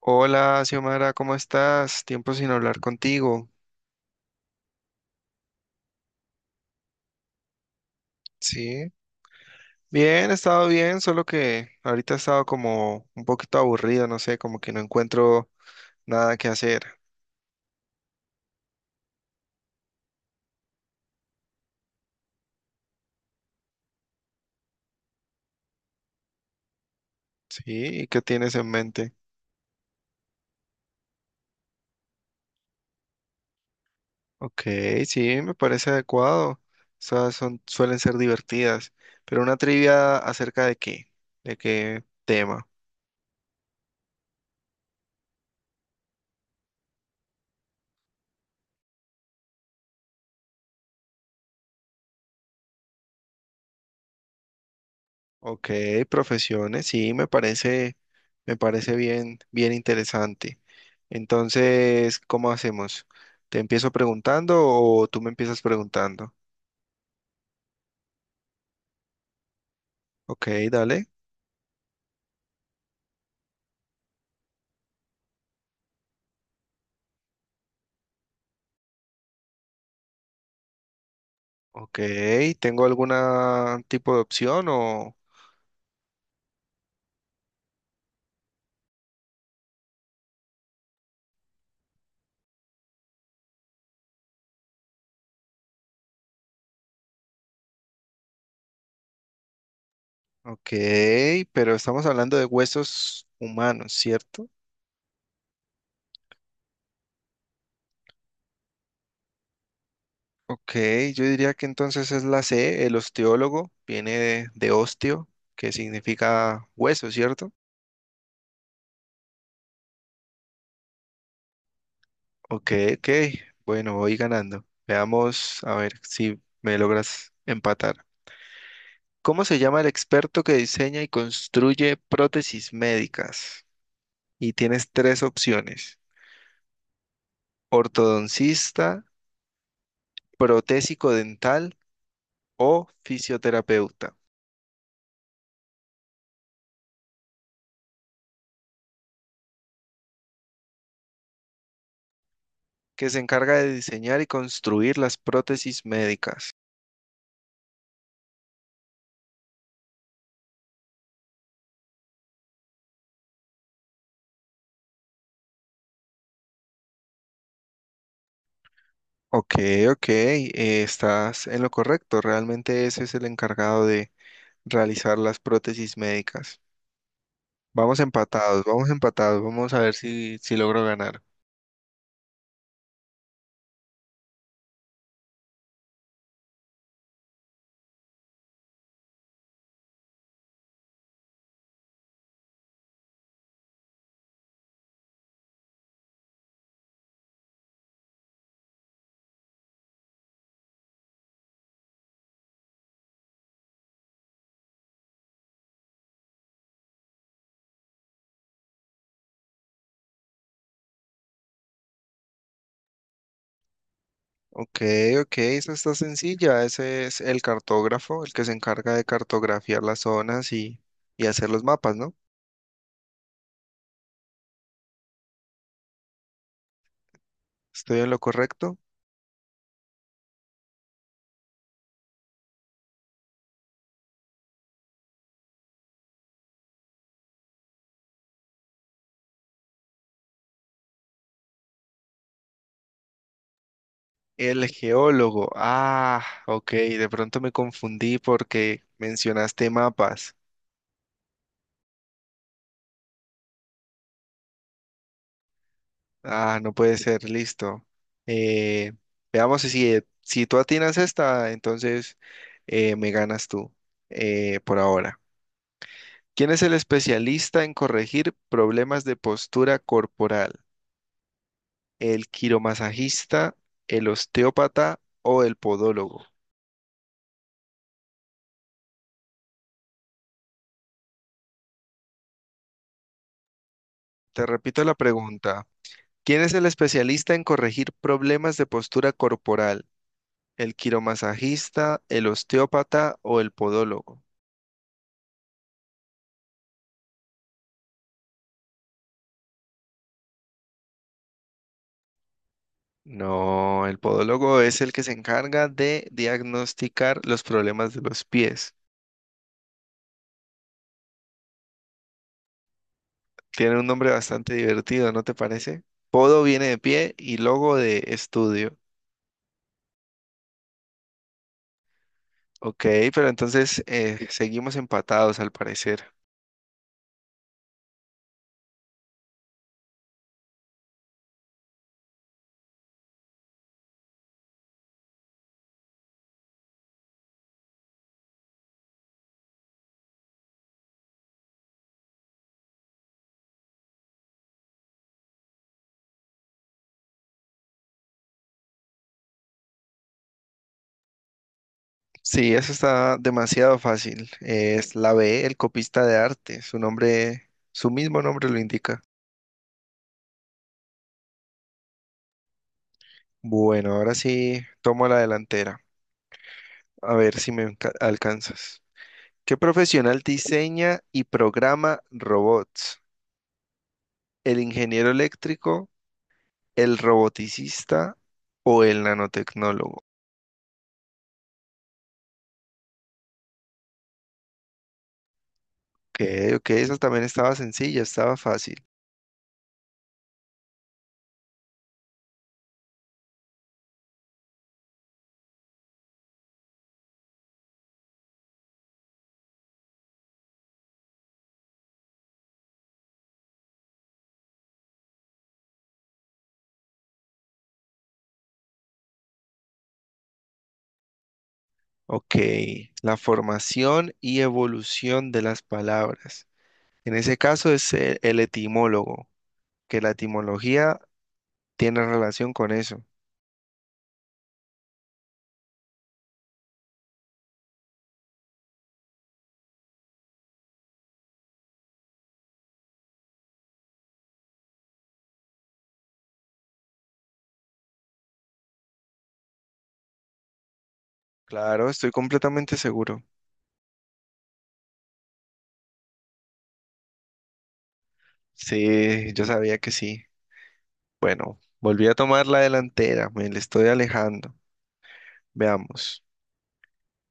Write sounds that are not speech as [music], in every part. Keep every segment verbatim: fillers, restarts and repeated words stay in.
Hola, Xiomara, ¿cómo estás? Tiempo sin hablar contigo. Sí, bien, he estado bien, solo que ahorita he estado como un poquito aburrido, no sé, como que no encuentro nada que hacer. Sí, ¿y qué tienes en mente? Ok, sí, me parece adecuado. Esas son, suelen ser divertidas, pero una trivia acerca de qué, de qué tema. Ok, profesiones, sí, me parece, me parece bien, bien interesante. Entonces, ¿cómo hacemos? ¿Te empiezo preguntando o tú me empiezas preguntando? Ok, dale. Ok, ¿tengo algún tipo de opción o...? Ok, pero estamos hablando de huesos humanos, ¿cierto? Ok, yo diría que entonces es la C, el osteólogo, viene de, de osteo, que significa hueso, ¿cierto? Ok, ok, bueno, voy ganando. Veamos, a ver si me logras empatar. ¿Cómo se llama el experto que diseña y construye prótesis médicas? Y tienes tres opciones: ortodoncista, protésico dental o fisioterapeuta, que se encarga de diseñar y construir las prótesis médicas. Ok, ok, eh, estás en lo correcto. Realmente ese es el encargado de realizar las prótesis médicas. Vamos empatados, vamos empatados. Vamos a ver si, si logro ganar. Ok, ok, esa está sencilla. Ese es el cartógrafo, el que se encarga de cartografiar las zonas y, y hacer los mapas, ¿no? ¿Estoy en lo correcto? El geólogo. Ah, ok, de pronto me confundí porque mencionaste mapas. Ah, no puede ser, listo. Eh, Veamos si, si tú atinas esta, entonces eh, me ganas tú eh, por ahora. ¿Quién es el especialista en corregir problemas de postura corporal? El quiromasajista, el osteópata o el podólogo. Te repito la pregunta. ¿Quién es el especialista en corregir problemas de postura corporal? ¿El quiromasajista, el osteópata o el podólogo? No, el podólogo es el que se encarga de diagnosticar los problemas de los pies. Tiene un nombre bastante divertido, ¿no te parece? Podo viene de pie y logo de estudio. Ok, pero entonces eh, seguimos empatados al parecer. Sí, eso está demasiado fácil. Es la B, el copista de arte. Su nombre, su mismo nombre lo indica. Bueno, ahora sí tomo la delantera. A ver si me enca- alcanzas. ¿Qué profesional diseña y programa robots? ¿El ingeniero eléctrico, el roboticista o el nanotecnólogo? Ok, ok, esa también estaba sencilla, estaba fácil. Ok, la formación y evolución de las palabras. En ese caso es el, el etimólogo, que la etimología tiene relación con eso. Claro, estoy completamente seguro. Sí, yo sabía que sí. Bueno, volví a tomar la delantera, me le estoy alejando. Veamos.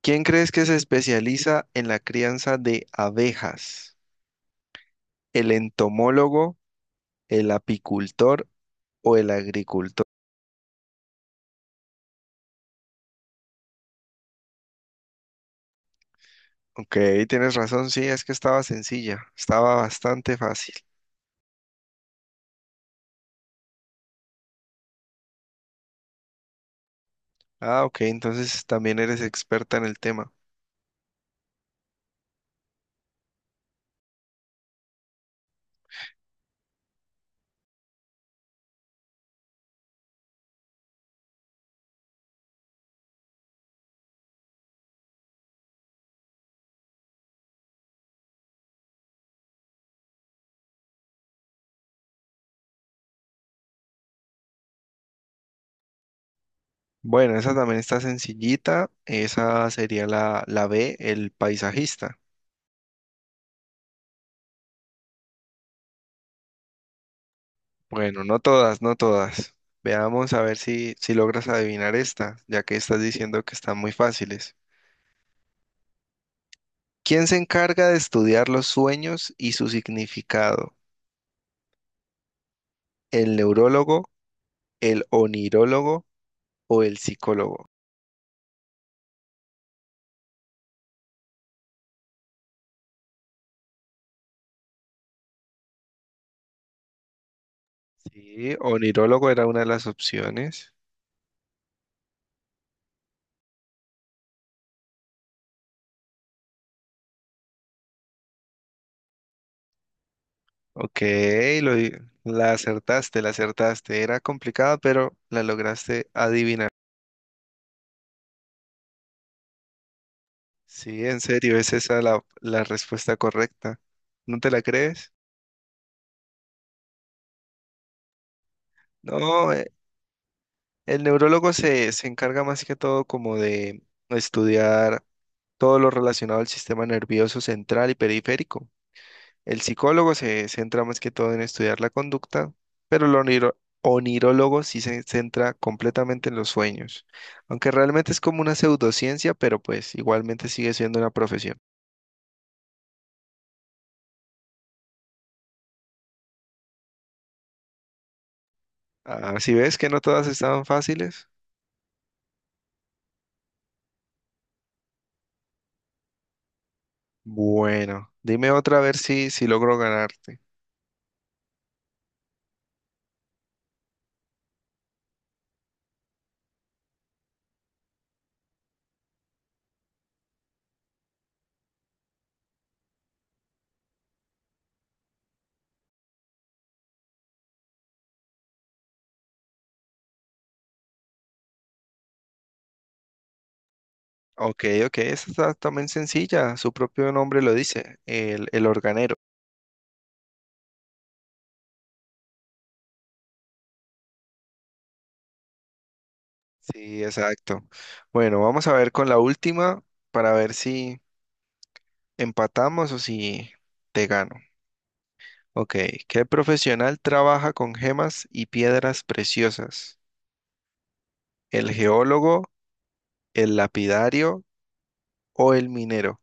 ¿Quién crees que se especializa en la crianza de abejas? ¿El entomólogo, el apicultor o el agricultor? Ok, tienes razón, sí, es que estaba sencilla, estaba bastante fácil. Ah, ok, entonces también eres experta en el tema. Bueno, esa también está sencillita. Esa sería la, la B, el paisajista. Bueno, no todas, no todas. Veamos a ver si, si logras adivinar esta, ya que estás diciendo que están muy fáciles. ¿Quién se encarga de estudiar los sueños y su significado? ¿El neurólogo, el onirólogo o el psicólogo? Sí, onirólogo era una de las opciones. Ok, lo, di- la acertaste, la acertaste. Era complicada, pero la lograste adivinar. Sí, en serio, es esa la, la respuesta correcta. ¿No te la crees? No, eh, el neurólogo se, se encarga más que todo como de estudiar todo lo relacionado al sistema nervioso central y periférico. El psicólogo se centra más que todo en estudiar la conducta, pero el oniro- onirólogo sí se centra completamente en los sueños, aunque realmente es como una pseudociencia, pero pues igualmente sigue siendo una profesión. Así ves que no todas estaban fáciles. Bueno, dime otra a ver si, si logro ganarte. Ok, ok, esa está también sencilla, su propio nombre lo dice, el, el organero. Sí, exacto. Bueno, vamos a ver con la última para ver si empatamos o si te gano. Ok, ¿qué profesional trabaja con gemas y piedras preciosas? ¿El geólogo, el lapidario o el minero?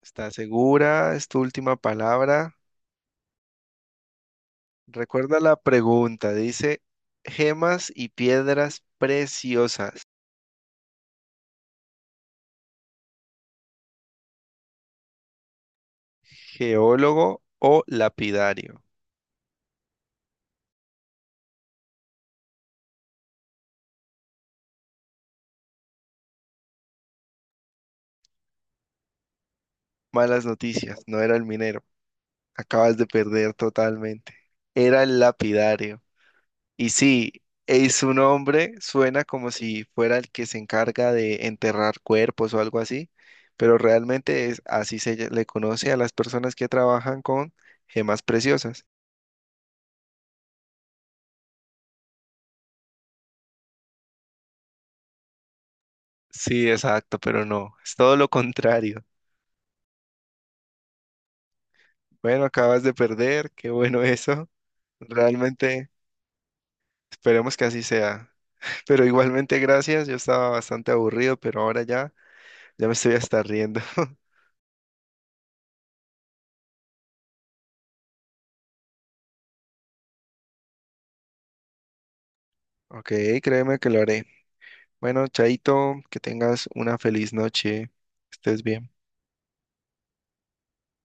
¿Estás segura? ¿Es tu última palabra? Recuerda la pregunta, dice gemas y piedras preciosas, geólogo o lapidario. Malas noticias, no era el minero, acabas de perder totalmente. Era el lapidario. Y sí, eh, su nombre suena como si fuera el que se encarga de enterrar cuerpos o algo así, pero realmente es así se lle- le conoce a las personas que trabajan con gemas preciosas. Sí, exacto, pero no, es todo lo contrario. Bueno, acabas de perder, qué bueno eso. Realmente esperemos que así sea. [laughs] Pero igualmente gracias, yo estaba bastante aburrido, pero ahora ya, ya me estoy hasta riendo. [laughs] Ok, créeme que lo haré. Bueno, Chaito, que tengas una feliz noche. Estés bien.